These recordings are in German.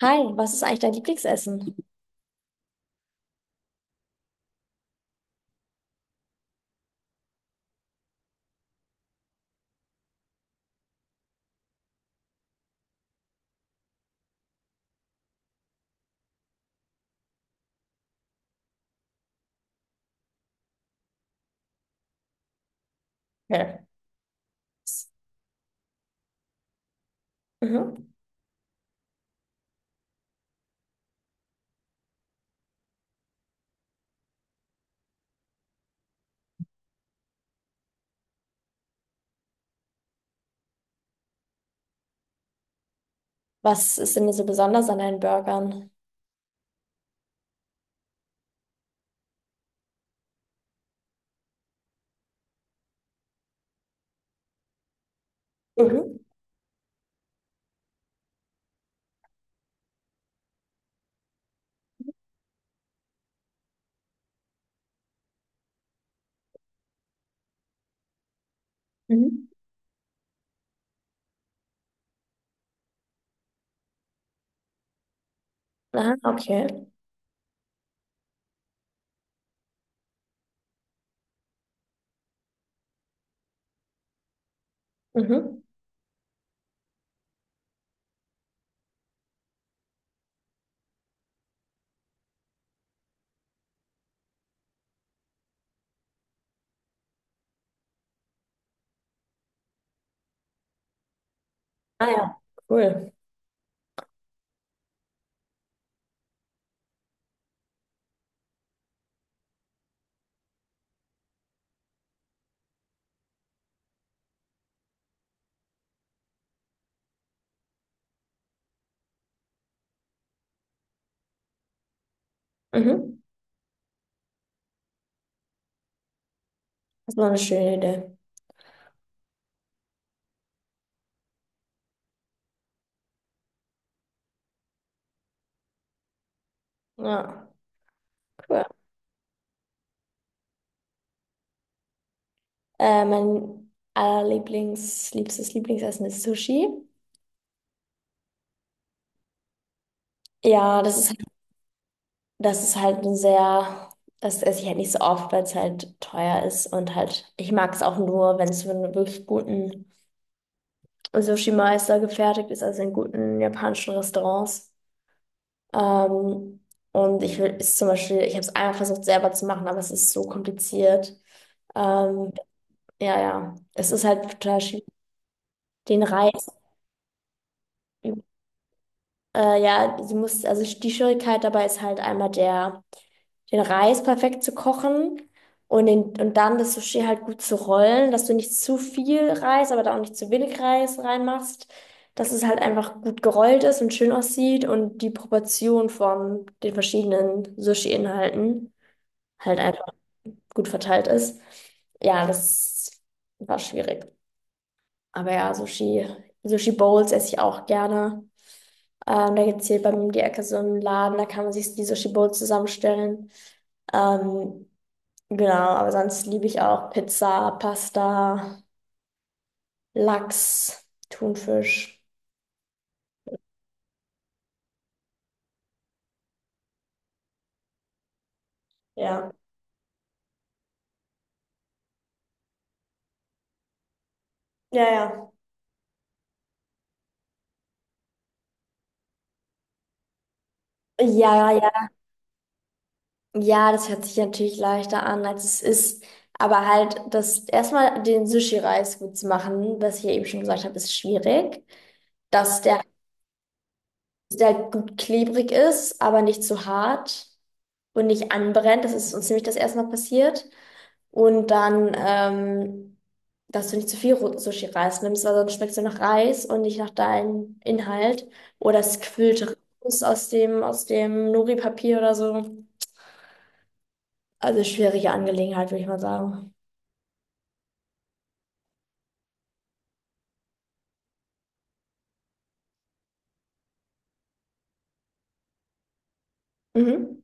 Hi, was ist eigentlich dein Lieblingsessen? Okay. Mhm. Was ist denn so besonders an deinen Burgern? Mhm. Mhm. Ah, okay. Mhm. Ah ja, cool. Mhm. Das war eine schöne Idee. Ja, cool. Mein liebstes Lieblingsessen ist Sushi. Ja, das ist halt ein sehr, das esse ich halt nicht so oft, weil es halt teuer ist und halt, ich mag es auch nur, wenn es für einen wirklich guten Sushi-Mai ist da gefertigt, ist also in guten japanischen Restaurants. Ähm, und ich will, ist zum Beispiel, ich habe es einmal versucht selber zu machen, aber es ist so kompliziert. Ähm, ja, ja, es ist halt total schwierig, den Reis ja, sie muss, also die Schwierigkeit dabei ist halt einmal der, den Reis perfekt zu kochen und, den, und dann das Sushi halt gut zu rollen, dass du nicht zu viel Reis, aber da auch nicht zu wenig Reis reinmachst, dass es halt einfach gut gerollt ist und schön aussieht und die Proportion von den verschiedenen Sushi-Inhalten halt einfach gut verteilt ist. Ja, das war schwierig. Aber ja, Sushi, Bowls esse ich auch gerne. Da gibt es hier bei mir um die Ecke so einen Laden, da kann man sich die Sushi Bowls zusammenstellen. Ähm, genau, aber sonst liebe ich auch Pizza, Pasta, Lachs, Thunfisch. Ja. Ja, ja. Ja, ja. Ja, das hört sich natürlich leichter an, als es ist. Aber halt, das erstmal den Sushi-Reis gut zu machen, was ich ja eben schon gesagt habe, ist schwierig. Dass der halt gut klebrig ist, aber nicht zu hart und nicht anbrennt. Das ist uns nämlich das erste Mal passiert. Und dann, dass du nicht zu viel Sushi-Reis nimmst, weil sonst schmeckt es nur nach Reis und nicht nach deinem Inhalt. Oder es quillt raus aus dem Nori-Papier oder so. Also schwierige Angelegenheit, würde ich mal sagen. Mhm.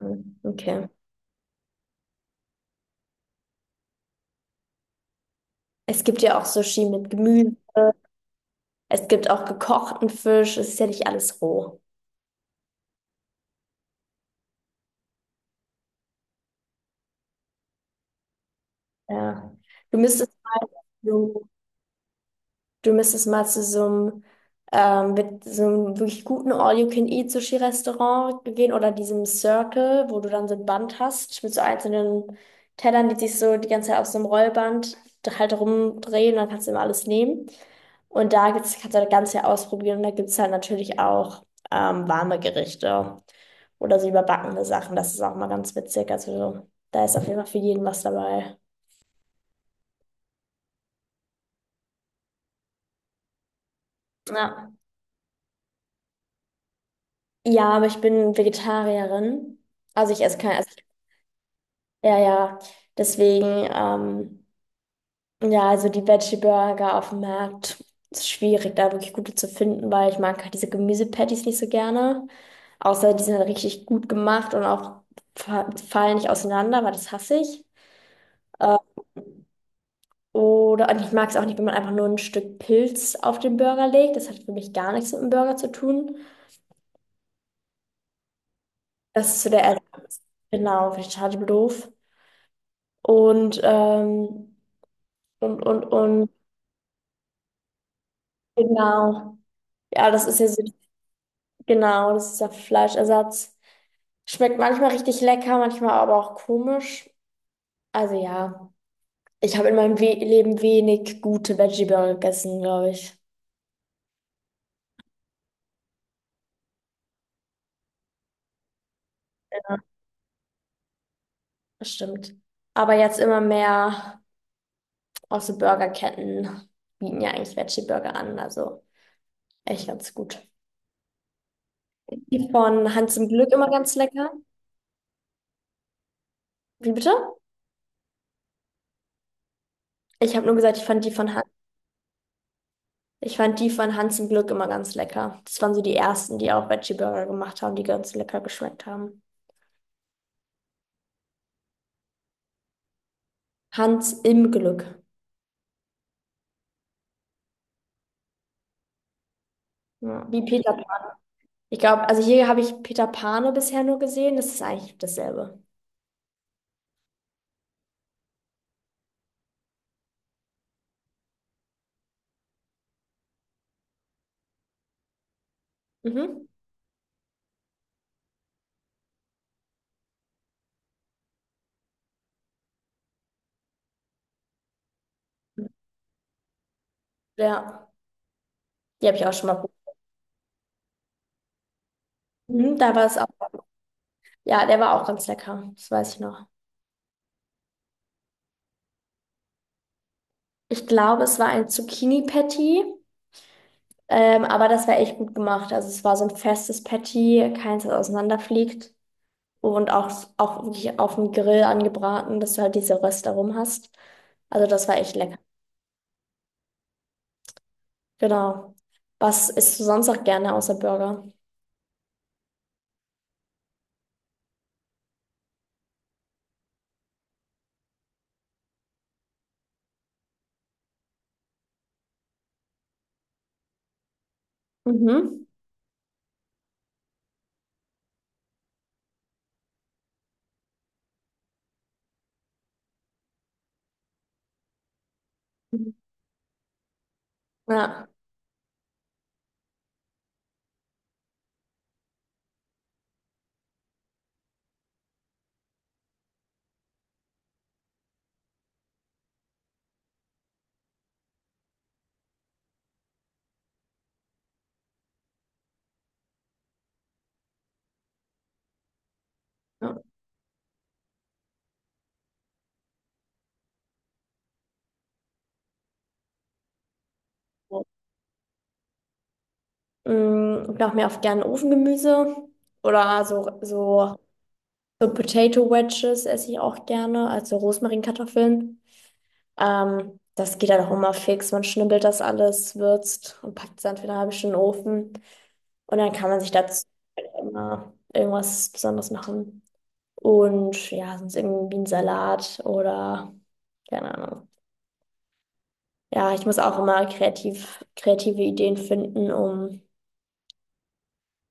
Mhm, okay. Es gibt ja auch Sushi mit Gemüse. Es gibt auch gekochten Fisch. Es ist ja nicht alles roh. Ja. Du müsstest, Du müsstest mal zu so einem, mit so einem wirklich guten All-You-Can-Eat-Sushi-Restaurant gehen oder diesem Circle, wo du dann so ein Band hast mit so einzelnen Tellern, die sich so die ganze Zeit auf so einem Rollband halt rumdrehen, dann kannst du immer alles nehmen. Und da gibt's, kannst du das Ganze ja ausprobieren und da gibt es halt natürlich auch warme Gerichte oder so überbackene Sachen. Das ist auch mal ganz witzig. Also da ist auf jeden Fall für jeden was dabei. Ja. Ja, aber ich bin Vegetarierin. Also ich esse kein, also ja, ja, deswegen, ja, also die Veggie Burger auf dem Markt ist schwierig, da wirklich gute zu finden, weil ich mag halt diese Gemüsepatties nicht so gerne. Außer die sind halt richtig gut gemacht und auch fallen nicht auseinander, weil das hasse ich. Äh, oder und ich mag es auch nicht, wenn man einfach nur ein Stück Pilz auf den Burger legt. Das hat für mich gar nichts mit dem Burger zu tun. Das ist so der Ersatz. Genau, finde ich total doof. Und, und, und, und, genau. Ja, das ist ja so genau, das ist der Fleischersatz. Schmeckt manchmal richtig lecker, manchmal aber auch komisch. Also ja, ich habe in meinem We Leben wenig gute Veggie-Burger gegessen, glaube ich. Das stimmt. Aber jetzt immer mehr auch so Burgerketten bieten ja eigentlich Veggie-Burger an. Also echt ganz gut. Die von Hans im Glück immer ganz lecker. Wie bitte? Ich habe nur gesagt, ich fand die von Han ich fand die von Hans im Glück immer ganz lecker. Das waren so die ersten, die auch Veggie-Burger gemacht haben, die ganz lecker geschmeckt haben. Hans im Glück. Ja, wie Peter Pan. Ich glaube, also hier habe ich Peter Pane bisher nur gesehen. Das ist eigentlich dasselbe. Mhm. Ja, die habe ich auch schon mal probiert. Mhm, da war es auch. Ja, der war auch ganz lecker. Das weiß ich noch. Ich glaube, es war ein Zucchini-Patty, aber das war echt gut gemacht. Also es war so ein festes Patty, keins, das auseinanderfliegt und auch wirklich auf dem Grill angebraten, dass du halt diese Röste rum hast. Also das war echt lecker. Genau. Was isst du sonst auch gerne außer Burger? Mhm. Ja. Ja. Mm, ich mache mir oft gerne Ofengemüse oder so Potato Wedges esse ich auch gerne, also Rosmarinkartoffeln. Das geht dann auch immer fix. Man schnibbelt das alles, würzt und packt es dann für eine halbe Stunde in den Ofen. Und dann kann man sich dazu immer irgendwas Besonderes machen. Und ja, sonst irgendwie ein Salat oder keine Ahnung. Ja, ich muss auch immer kreative Ideen finden, um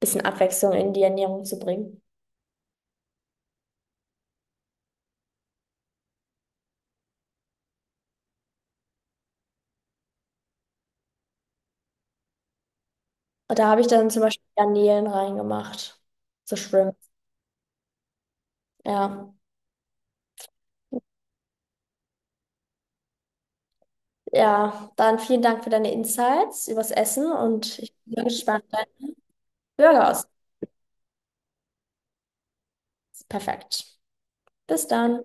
bisschen Abwechslung in die Ernährung zu bringen. Und da habe ich dann zum Beispiel Garnelen reingemacht. So Shrimp. Ja. Ja, dann vielen Dank für deine Insights übers Essen und ich bin gespannt, wie dein Burger aus. Perfekt. Bis dann.